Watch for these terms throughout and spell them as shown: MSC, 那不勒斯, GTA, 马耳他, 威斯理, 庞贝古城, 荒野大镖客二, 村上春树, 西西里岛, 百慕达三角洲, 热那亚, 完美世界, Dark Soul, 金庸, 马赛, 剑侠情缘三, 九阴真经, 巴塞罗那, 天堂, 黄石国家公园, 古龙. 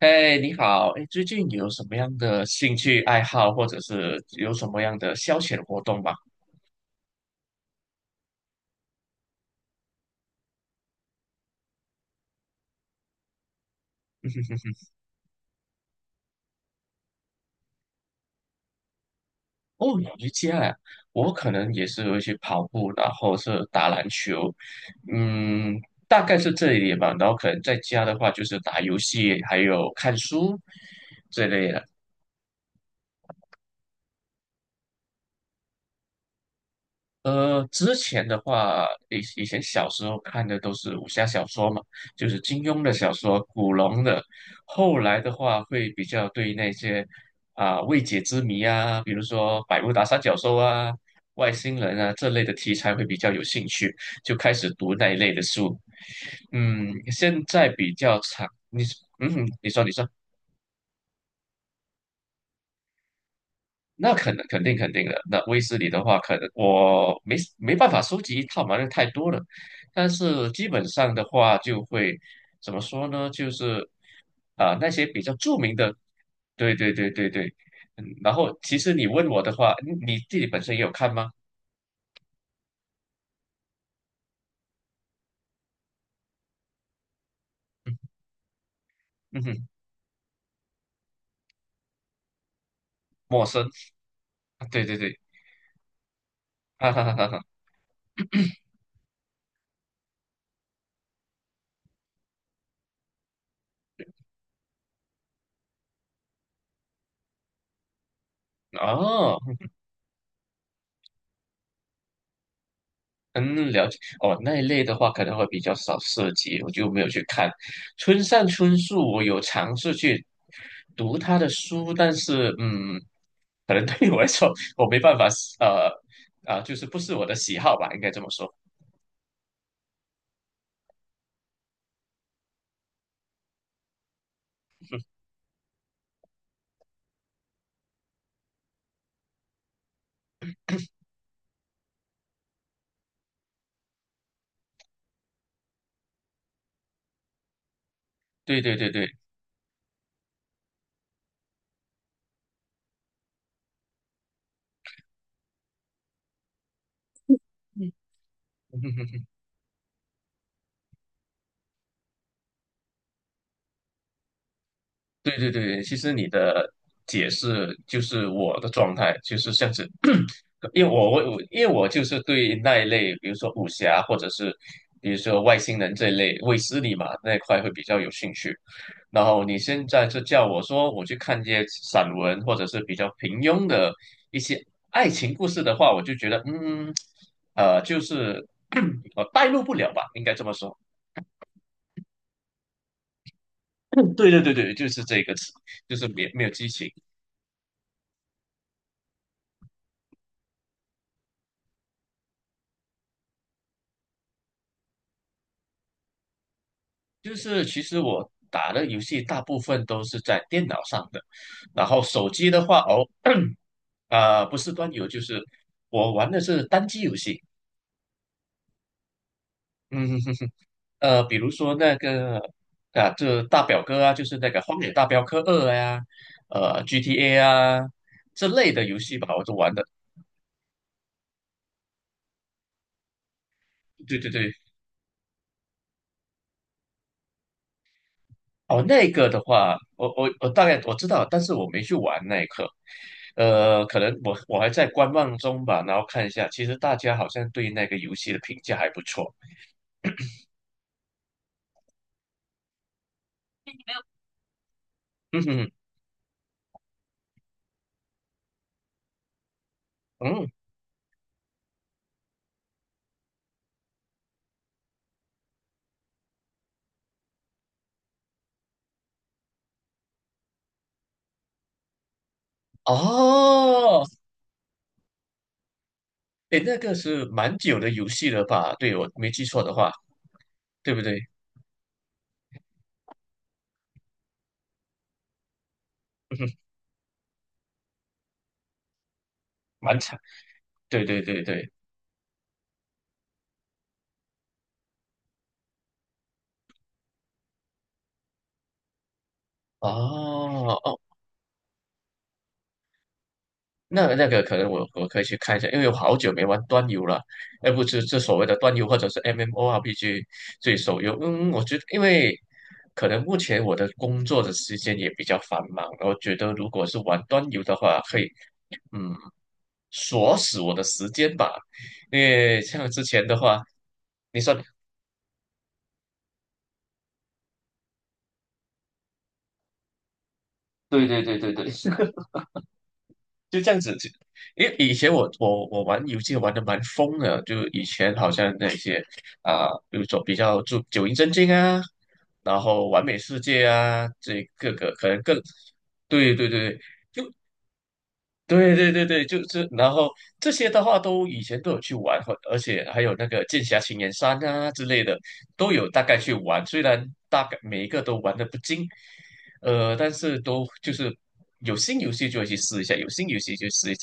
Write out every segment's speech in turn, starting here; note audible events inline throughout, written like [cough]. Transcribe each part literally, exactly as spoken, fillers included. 哎，你好，哎，最近有什么样的兴趣爱好，或者是有什么样的消遣活动吗？哦，瑜伽啊，我可能也是会去跑步，然后是打篮球，嗯，大概是这一点吧。然后可能在家的话，就是打游戏，还有看书这类的。呃，之前的话，以以前小时候看的都是武侠小说嘛，就是金庸的小说、古龙的。后来的话，会比较对那些啊、未解之谜啊，比如说百慕达三角洲啊、外星人啊这类的题材会比较有兴趣，就开始读那一类的书。嗯，现在比较常，你嗯，你说你说。那肯肯定肯定的。那威斯理的话，可能我没没办法收集一套嘛，那太多了。但是基本上的话，就会怎么说呢？就是啊、那些比较著名的，对对对对对。嗯，然后其实你问我的话，你你自己本身也有看吗？嗯哼，陌生。啊对对对，哈哈哈哈哈。哦，嗯，了解哦，那一类的话可能会比较少涉及，我就没有去看。村上春树，我有尝试去读他的书，但是嗯，可能对于我来说，我没办法，呃啊、就是不是我的喜好吧，应该这么说。对对对对，嗯 [laughs] 对对对，其实你的解释就是我的状态，就是像是，[clears throat] 因为我我我因为我就是对那一类，比如说武侠或者是比如说外星人这一类卫斯理嘛那一块会比较有兴趣。然后你现在就叫我说我去看一些散文或者是比较平庸的一些爱情故事的话，我就觉得嗯呃就是 [clears throat] 我带入不了吧，应该这么说。嗯对对对对，就是这个词，就是没没有激情。就是其实我打的游戏大部分都是在电脑上的，然后手机的话，哦，啊、不是端游，就是我玩的是单机游戏，嗯，呃，比如说那个啊，这大表哥啊，就是那个《荒野大镖客二》呀，呃，G T A 啊这类的游戏吧，我都玩的。对对对，哦，那个的话，我我我大概我知道，但是我没去玩那一刻。呃，可能我我还在观望中吧，然后看一下，其实大家好像对那个游戏的评价还不错。嗯哼嗯，哦，诶，那个是蛮久的游戏了吧？对，我没记错的话，对不对？[laughs] 蛮长，对对对对，哦哦那那个可能我我可以去看一下，因为我好久没玩端游了，而不是这所谓的端游或者是 M M O R P G 这手游。嗯，我觉得因为可能目前我的工作的时间也比较繁忙，我觉得如果是玩端游的话，可以嗯锁死我的时间吧，因为像之前的话，你说对对对对对，[laughs] 就这样子。就因为以前我我我玩游戏玩的蛮疯的，就以前好像那些啊、比如说比较注九阴真经啊。然后完美世界啊，这各个可能更，对对对对对对对，对，就是然后这些的话都以前都有去玩，或而且还有那个剑侠情缘三啊之类的都有大概去玩，虽然大概每一个都玩的不精，呃，但是都就是有新游戏就会去试一下，有新游戏就试一下，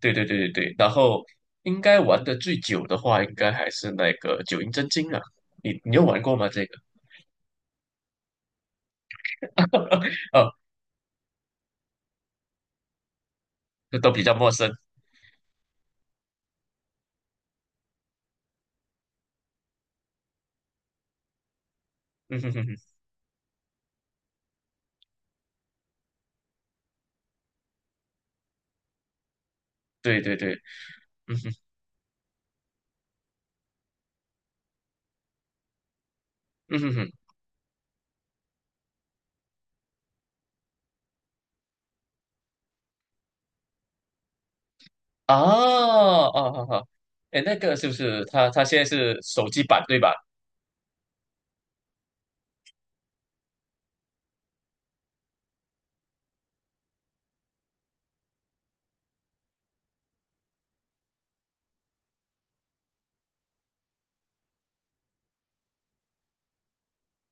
对对对对对，然后应该玩的最久的话，应该还是那个九阴真经啊，你你有玩过吗？这个？哦，这都比较陌生。[laughs] 哼哼哼。对对对，嗯哼，嗯哼哼，啊，哦哦哦，哎，那个是不是它？它现在是手机版对吧？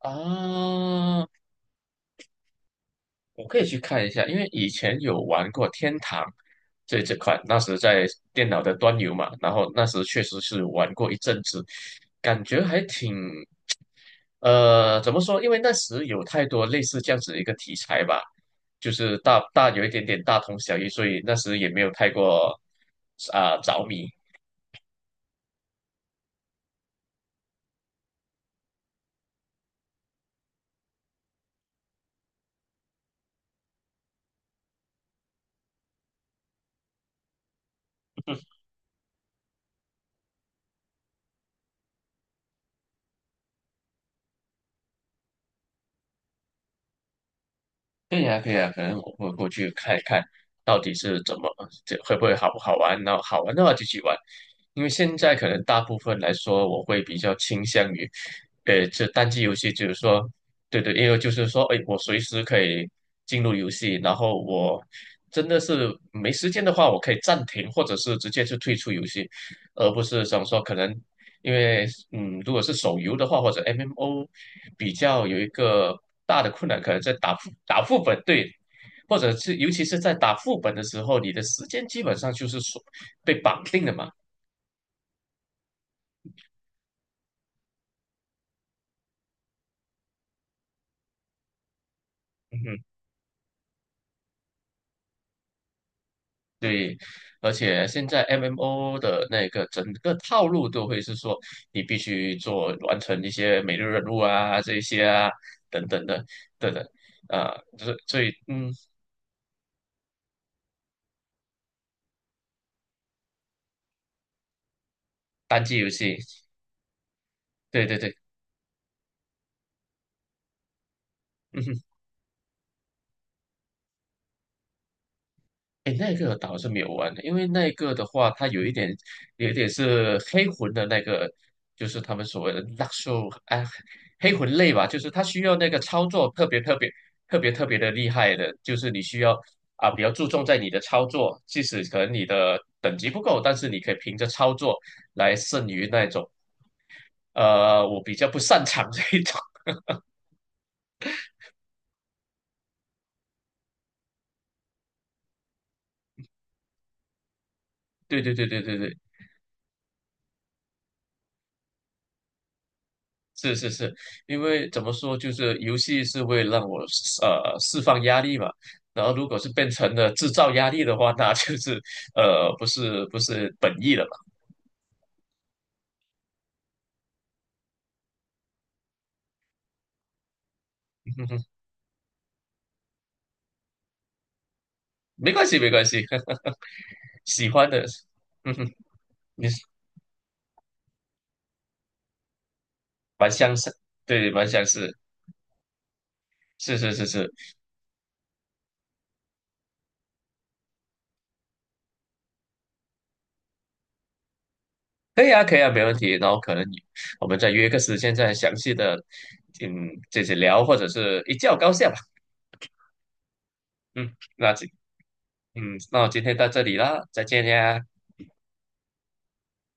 啊，我可以去看一下，因为以前有玩过天堂这这款，那时在电脑的端游嘛，然后那时确实是玩过一阵子，感觉还挺，呃，怎么说？因为那时有太多类似这样子的一个题材吧，就是大大有一点点大同小异，所以那时也没有太过啊、着迷。可以啊，可以啊，可能我会过去看一看，到底是怎么，这会不会好不好玩？然后好玩的话就去玩，因为现在可能大部分来说，我会比较倾向于，呃，这单机游戏，就是说，对对，因为就是说，哎，我随时可以进入游戏，然后我真的是没时间的话，我可以暂停，或者是直接就退出游戏，而不是想说可能。因为嗯，如果是手游的话，或者 M M O,比较有一个大的困难，可能在打副打副本，对，或者是尤其是在打副本的时候，你的时间基本上就是说被绑定的嘛，嗯哼，对，而且现在 M M O 的那个整个套路都会是说，你必须做完成一些每日任务啊，这一些啊，等等的，等等，啊，就是所以嗯，单机游戏，对对对，嗯哼。哎，那个倒是没有玩的，因为那个的话，它有一点，有一点是黑魂的那个，就是他们所谓的 Dark Soul 啊，哎黑魂类吧，就是它需要那个操作特别特别特别特别的厉害的，就是你需要啊比较注重在你的操作，即使可能你的等级不够，但是你可以凭着操作来胜于那种呃我比较不擅长这一种。[laughs] 对对对对对对。是是是，因为怎么说，就是游戏是为了让我呃释放压力嘛。然后如果是变成了制造压力的话，那就是呃不是不是本意了嘛。[laughs] 哼哼没关系没关系，[laughs] 喜欢的，嗯哼，你是蛮相似，对，蛮相似，是是是是，可以啊可以啊，没问题。然后可能你我们再约个时间再详细的嗯这些聊，或者是一较高下吧。嗯，那今嗯那我今天到这里啦，再见呀。